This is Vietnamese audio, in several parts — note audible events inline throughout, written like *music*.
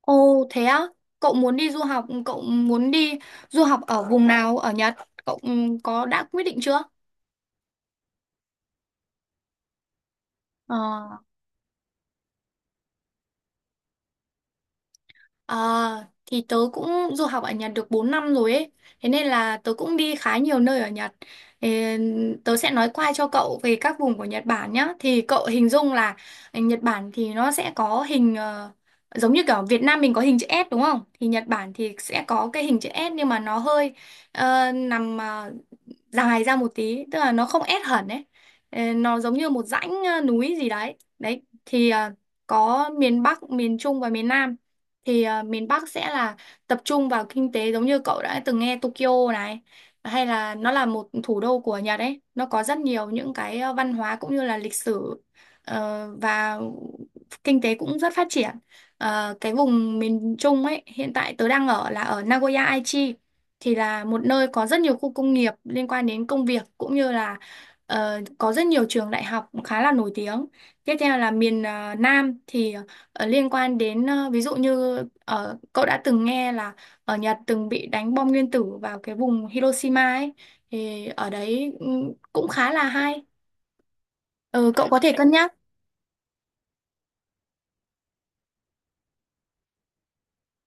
Ồ thế á, cậu muốn đi du học ở vùng nào ở Nhật? Cậu có đã quyết định chưa? Ờ, à, thì tớ cũng du học ở Nhật được 4 năm rồi ấy. Thế nên là tớ cũng đi khá nhiều nơi ở Nhật. Ê, tớ sẽ nói qua cho cậu về các vùng của Nhật Bản nhá. Thì cậu hình dung là Nhật Bản thì nó sẽ có hình giống như kiểu Việt Nam mình có hình chữ S đúng không? Thì Nhật Bản thì sẽ có cái hình chữ S, nhưng mà nó hơi nằm dài ra một tí, tức là nó không ép hẳn ấy. Nó giống như một dãnh núi gì đấy đấy, thì có miền Bắc, miền Trung và miền Nam. Thì miền Bắc sẽ là tập trung vào kinh tế, giống như cậu đã từng nghe Tokyo này, hay là nó là một thủ đô của Nhật ấy, nó có rất nhiều những cái văn hóa cũng như là lịch sử, và kinh tế cũng rất phát triển. Cái vùng miền Trung ấy hiện tại tớ đang ở là ở Nagoya Aichi, thì là một nơi có rất nhiều khu công nghiệp liên quan đến công việc, cũng như là có rất nhiều trường đại học khá là nổi tiếng. Tiếp theo là miền Nam thì liên quan đến, ví dụ như, cậu đã từng nghe là ở Nhật từng bị đánh bom nguyên tử vào cái vùng Hiroshima ấy, thì ở đấy cũng khá là hay. Ừ, cậu có thể cân nhắc.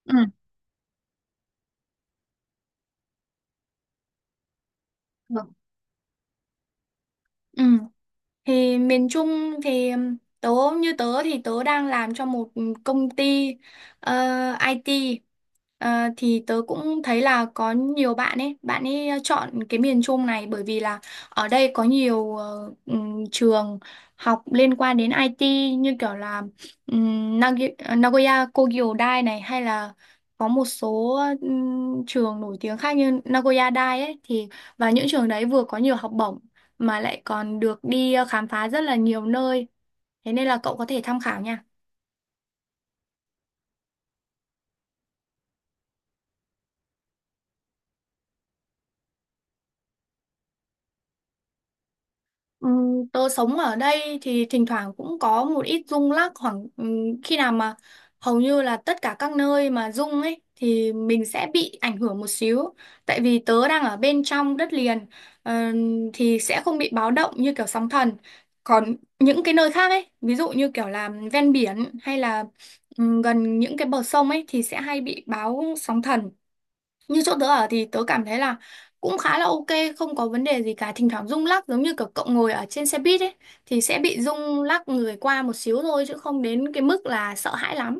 Ừ. Được. Ừ. Thì miền Trung thì tớ, như tớ thì tớ đang làm cho một công ty ờ, IT. Ờ, thì tớ cũng thấy là có nhiều bạn ấy chọn cái miền Trung này, bởi vì là ở đây có nhiều trường học liên quan đến IT, như kiểu là Nagoya Kogyo Dai này, hay là có một số trường nổi tiếng khác như Nagoya Dai ấy thì, và những trường đấy vừa có nhiều học bổng, mà lại còn được đi khám phá rất là nhiều nơi. Thế nên là cậu có thể tham khảo nha. Tớ sống ở đây thì thỉnh thoảng cũng có một ít rung lắc, khoảng khi nào mà hầu như là tất cả các nơi mà rung ấy thì mình sẽ bị ảnh hưởng một xíu. Tại vì tớ đang ở bên trong đất liền, thì sẽ không bị báo động như kiểu sóng thần. Còn những cái nơi khác ấy, ví dụ như kiểu là ven biển, hay là gần những cái bờ sông ấy, thì sẽ hay bị báo sóng thần. Như chỗ tớ ở thì tớ cảm thấy là cũng khá là ok, không có vấn đề gì cả. Thỉnh thoảng rung lắc giống như kiểu cậu ngồi ở trên xe buýt ấy, thì sẽ bị rung lắc người qua một xíu thôi, chứ không đến cái mức là sợ hãi lắm.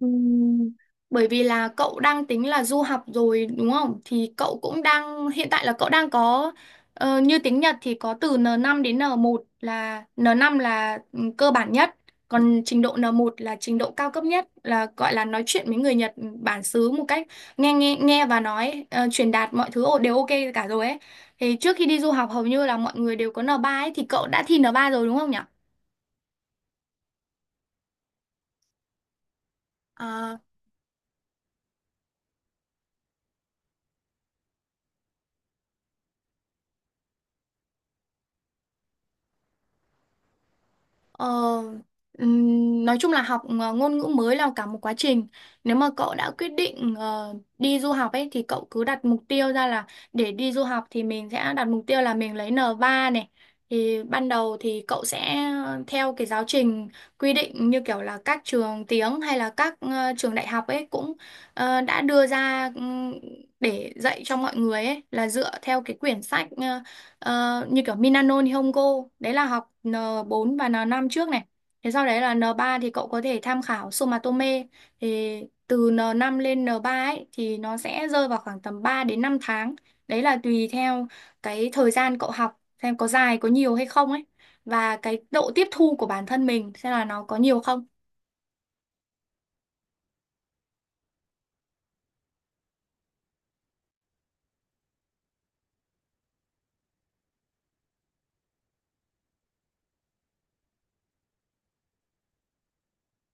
Ừm, Bởi vì là cậu đang tính là du học rồi đúng không? Thì cậu cũng đang hiện tại là cậu đang có, như tiếng Nhật thì có từ N5 đến N1, là N5 là cơ bản nhất, còn trình độ N1 là trình độ cao cấp nhất, là gọi là nói chuyện với người Nhật bản xứ một cách nghe nghe nghe và nói, truyền đạt mọi thứ đều ok cả rồi ấy. Thì trước khi đi du học hầu như là mọi người đều có N3 ấy, thì cậu đã thi N3 rồi đúng không nhỉ? À, Ờ, nói chung là học ngôn ngữ mới là cả một quá trình. Nếu mà cậu đã quyết định đi du học ấy, thì cậu cứ đặt mục tiêu ra là để đi du học, thì mình sẽ đặt mục tiêu là mình lấy N3 này. Thì ban đầu thì cậu sẽ theo cái giáo trình quy định, như kiểu là các trường tiếng hay là các trường đại học ấy cũng đã đưa ra, để dạy cho mọi người ấy, là dựa theo cái quyển sách Ờ, như kiểu Minano Nihongo, đấy là học N4 và N5 trước này. Thế sau đấy là N3, thì cậu có thể tham khảo Sumatome. Thì từ N5 lên N3 ấy thì nó sẽ rơi vào khoảng tầm 3 đến 5 tháng, đấy là tùy theo cái thời gian cậu học xem có dài có nhiều hay không ấy, và cái độ tiếp thu của bản thân mình xem là nó có nhiều không.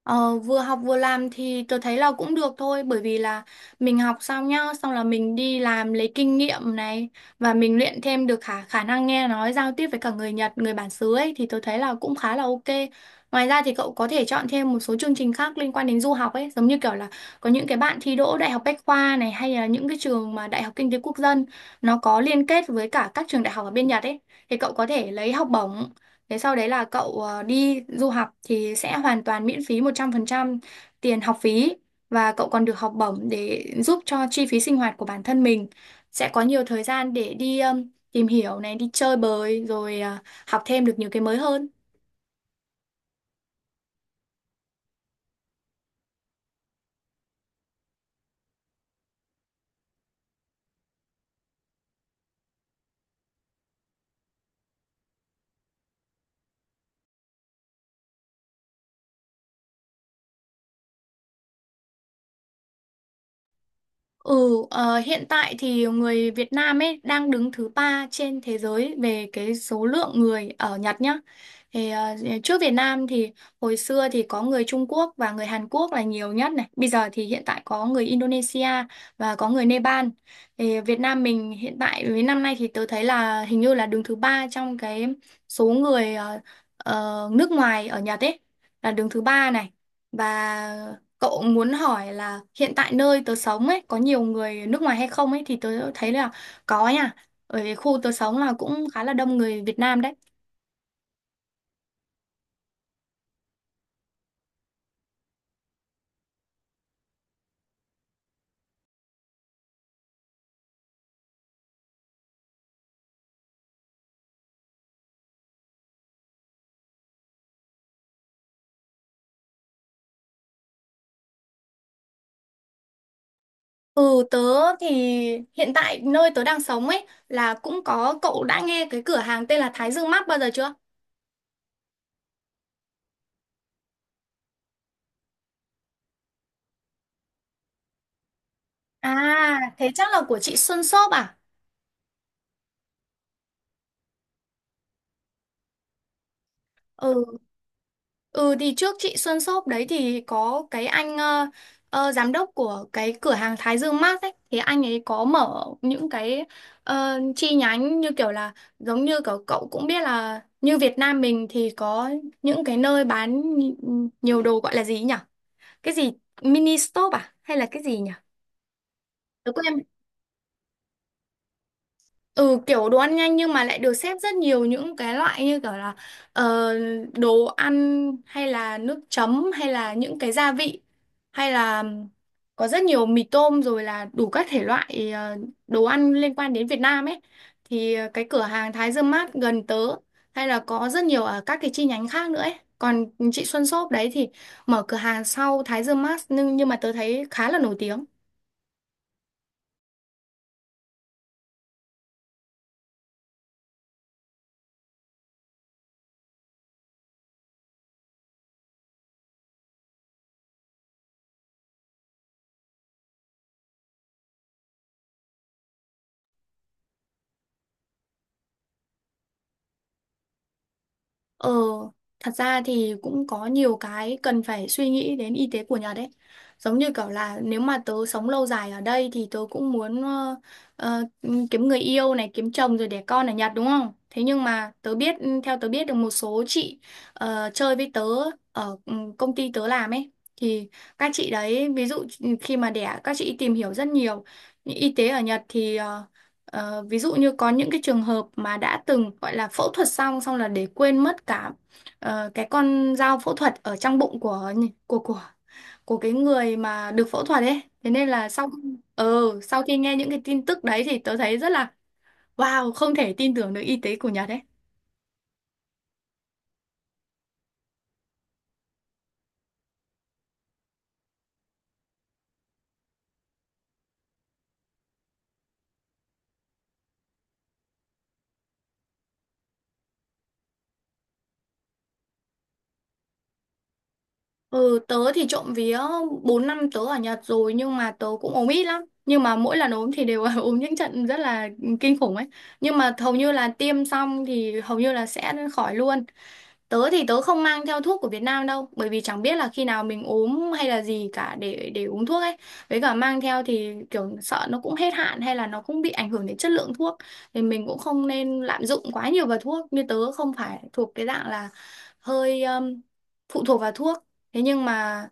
Ờ, vừa học vừa làm thì tôi thấy là cũng được thôi, bởi vì là mình học xong nhá, xong là mình đi làm lấy kinh nghiệm này, và mình luyện thêm được khả khả năng nghe nói giao tiếp với cả người Nhật, người bản xứ ấy, thì tôi thấy là cũng khá là ok. Ngoài ra thì cậu có thể chọn thêm một số chương trình khác liên quan đến du học ấy, giống như kiểu là có những cái bạn thi đỗ Đại học Bách khoa này, hay là những cái trường mà Đại học Kinh tế Quốc dân nó có liên kết với cả các trường đại học ở bên Nhật ấy, thì cậu có thể lấy học bổng. Thế sau đấy là cậu đi du học thì sẽ hoàn toàn miễn phí 100% tiền học phí, và cậu còn được học bổng để giúp cho chi phí sinh hoạt của bản thân mình. Sẽ có nhiều thời gian để đi tìm hiểu này, đi chơi bời, rồi học thêm được nhiều cái mới hơn. Ừ, ờ, hiện tại thì người Việt Nam ấy đang đứng thứ ba trên thế giới về cái số lượng người ở Nhật nhá. Thì trước Việt Nam thì hồi xưa thì có người Trung Quốc và người Hàn Quốc là nhiều nhất này. Bây giờ thì hiện tại có người Indonesia và có người Nepal. Thì Việt Nam mình hiện tại với năm nay thì tôi thấy là hình như là đứng thứ ba trong cái số người nước ngoài ở Nhật ấy, là đứng thứ ba này. Và cậu muốn hỏi là hiện tại nơi tớ sống ấy có nhiều người nước ngoài hay không ấy, thì tớ thấy là có nha. Ở khu tớ sống là cũng khá là đông người Việt Nam đấy. Ừ, tớ thì hiện tại nơi tớ đang sống ấy là cũng có. Cậu đã nghe cái cửa hàng tên là Thái Dương Mart bao giờ chưa? À thế chắc là của chị Xuân Shop à? Ừ, ừ, thì trước chị Xuân Shop đấy thì có cái anh giám đốc của cái cửa hàng Thái Dương Mart ấy, thì anh ấy có mở những cái chi nhánh, như kiểu là giống như kiểu cậu cũng biết là như Việt Nam mình thì có những cái nơi bán nhiều đồ, gọi là gì nhỉ? Cái gì mini shop à, hay là cái gì nhỉ? Tớ quên. Ừ, kiểu đồ ăn nhanh, nhưng mà lại được xếp rất nhiều những cái loại như kiểu là ờ, đồ ăn, hay là nước chấm, hay là những cái gia vị, hay là có rất nhiều mì tôm, rồi là đủ các thể loại đồ ăn liên quan đến Việt Nam ấy. Thì cái cửa hàng Thái Dương Mart gần tớ, hay là có rất nhiều ở các cái chi nhánh khác nữa ấy. Còn chị Xuân Shop đấy thì mở cửa hàng sau Thái Dương Mart, nhưng mà tớ thấy khá là nổi tiếng. Ờ, thật ra thì cũng có nhiều cái cần phải suy nghĩ đến y tế của Nhật ấy. Giống như kiểu là nếu mà tớ sống lâu dài ở đây thì tớ cũng muốn, ờ, kiếm người yêu này, kiếm chồng rồi đẻ con ở Nhật đúng không? Thế nhưng mà tớ biết, theo tớ biết được một số chị chơi với tớ ở công ty tớ làm ấy. Thì các chị đấy, ví dụ khi mà đẻ, các chị tìm hiểu rất nhiều. Y tế ở Nhật thì ví dụ như có những cái trường hợp mà đã từng gọi là phẫu thuật, xong xong là để quên mất cả cái con dao phẫu thuật ở trong bụng của của của cái người mà được phẫu thuật ấy. Thế nên là sau khi nghe những cái tin tức đấy thì tớ thấy rất là wow, không thể tin tưởng được y tế của Nhật ấy. Ừ, tớ thì trộm vía 4 năm tớ ở Nhật rồi, nhưng mà tớ cũng ốm ít lắm. Nhưng mà mỗi lần ốm thì đều *laughs* ốm những trận rất là kinh khủng ấy. Nhưng mà hầu như là tiêm xong thì hầu như là sẽ khỏi luôn. Tớ thì tớ không mang theo thuốc của Việt Nam đâu, bởi vì chẳng biết là khi nào mình ốm hay là gì cả để uống thuốc ấy. Với cả mang theo thì kiểu sợ nó cũng hết hạn, hay là nó cũng bị ảnh hưởng đến chất lượng thuốc, thì mình cũng không nên lạm dụng quá nhiều vào thuốc. Như tớ không phải thuộc cái dạng là hơi phụ thuộc vào thuốc. Thế nhưng mà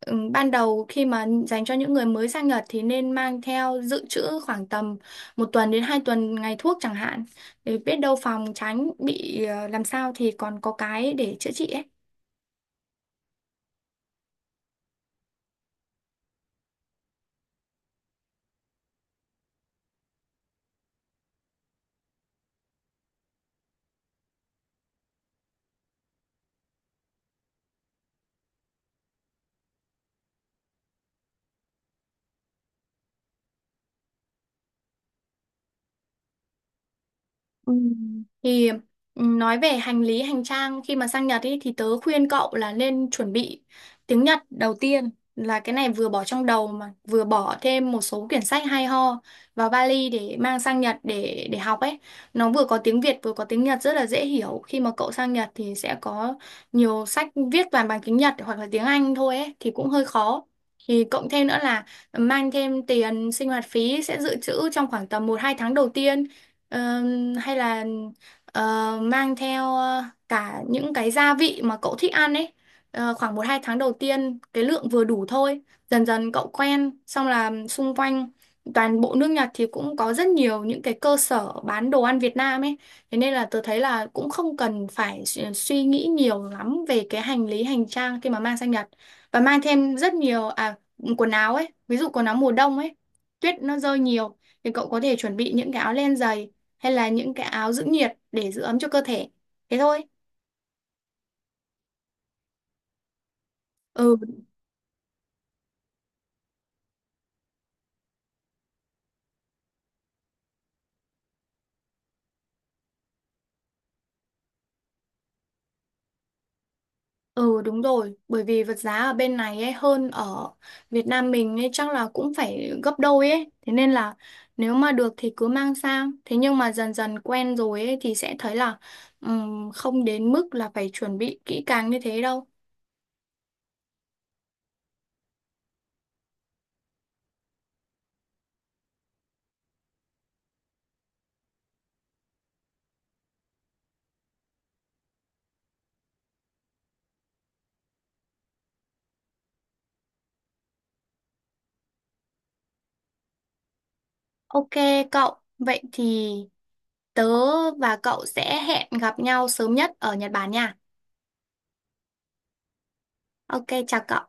ban đầu khi mà dành cho những người mới sang Nhật thì nên mang theo dự trữ khoảng tầm 1 tuần đến 2 tuần ngày thuốc chẳng hạn, để biết đâu phòng tránh bị làm sao thì còn có cái để chữa trị ấy. Ừ. Thì nói về hành lý hành trang khi mà sang Nhật ý, thì tớ khuyên cậu là nên chuẩn bị tiếng Nhật đầu tiên, là cái này vừa bỏ trong đầu, mà vừa bỏ thêm một số quyển sách hay ho vào vali để mang sang Nhật để học ấy, nó vừa có tiếng Việt vừa có tiếng Nhật rất là dễ hiểu. Khi mà cậu sang Nhật thì sẽ có nhiều sách viết toàn bằng tiếng Nhật hoặc là tiếng Anh thôi ấy, thì cũng hơi khó. Thì cộng thêm nữa là mang thêm tiền sinh hoạt phí sẽ dự trữ trong khoảng tầm 1-2 tháng đầu tiên. Ờ, hay là ờ, mang theo cả những cái gia vị mà cậu thích ăn ấy. Khoảng 1-2 tháng đầu tiên cái lượng vừa đủ thôi, dần dần cậu quen xong là xung quanh toàn bộ nước Nhật thì cũng có rất nhiều những cái cơ sở bán đồ ăn Việt Nam ấy. Thế nên là tớ thấy là cũng không cần phải suy nghĩ nhiều lắm về cái hành lý hành trang khi mà mang sang Nhật, và mang thêm rất nhiều quần áo ấy, ví dụ quần áo mùa đông ấy, tuyết nó rơi nhiều, thì cậu có thể chuẩn bị những cái áo len dày, hay là những cái áo giữ nhiệt để giữ ấm cho cơ thể. Thế thôi. Ừ, ừ đúng rồi, bởi vì vật giá ở bên này ấy hơn ở Việt Nam mình ấy chắc là cũng phải gấp đôi ấy. Thế nên là nếu mà được thì cứ mang sang. Thế nhưng mà dần dần quen rồi ấy thì sẽ thấy là không đến mức là phải chuẩn bị kỹ càng như thế đâu. Ok, cậu, vậy thì tớ và cậu sẽ hẹn gặp nhau sớm nhất ở Nhật Bản nha. Ok, chào cậu.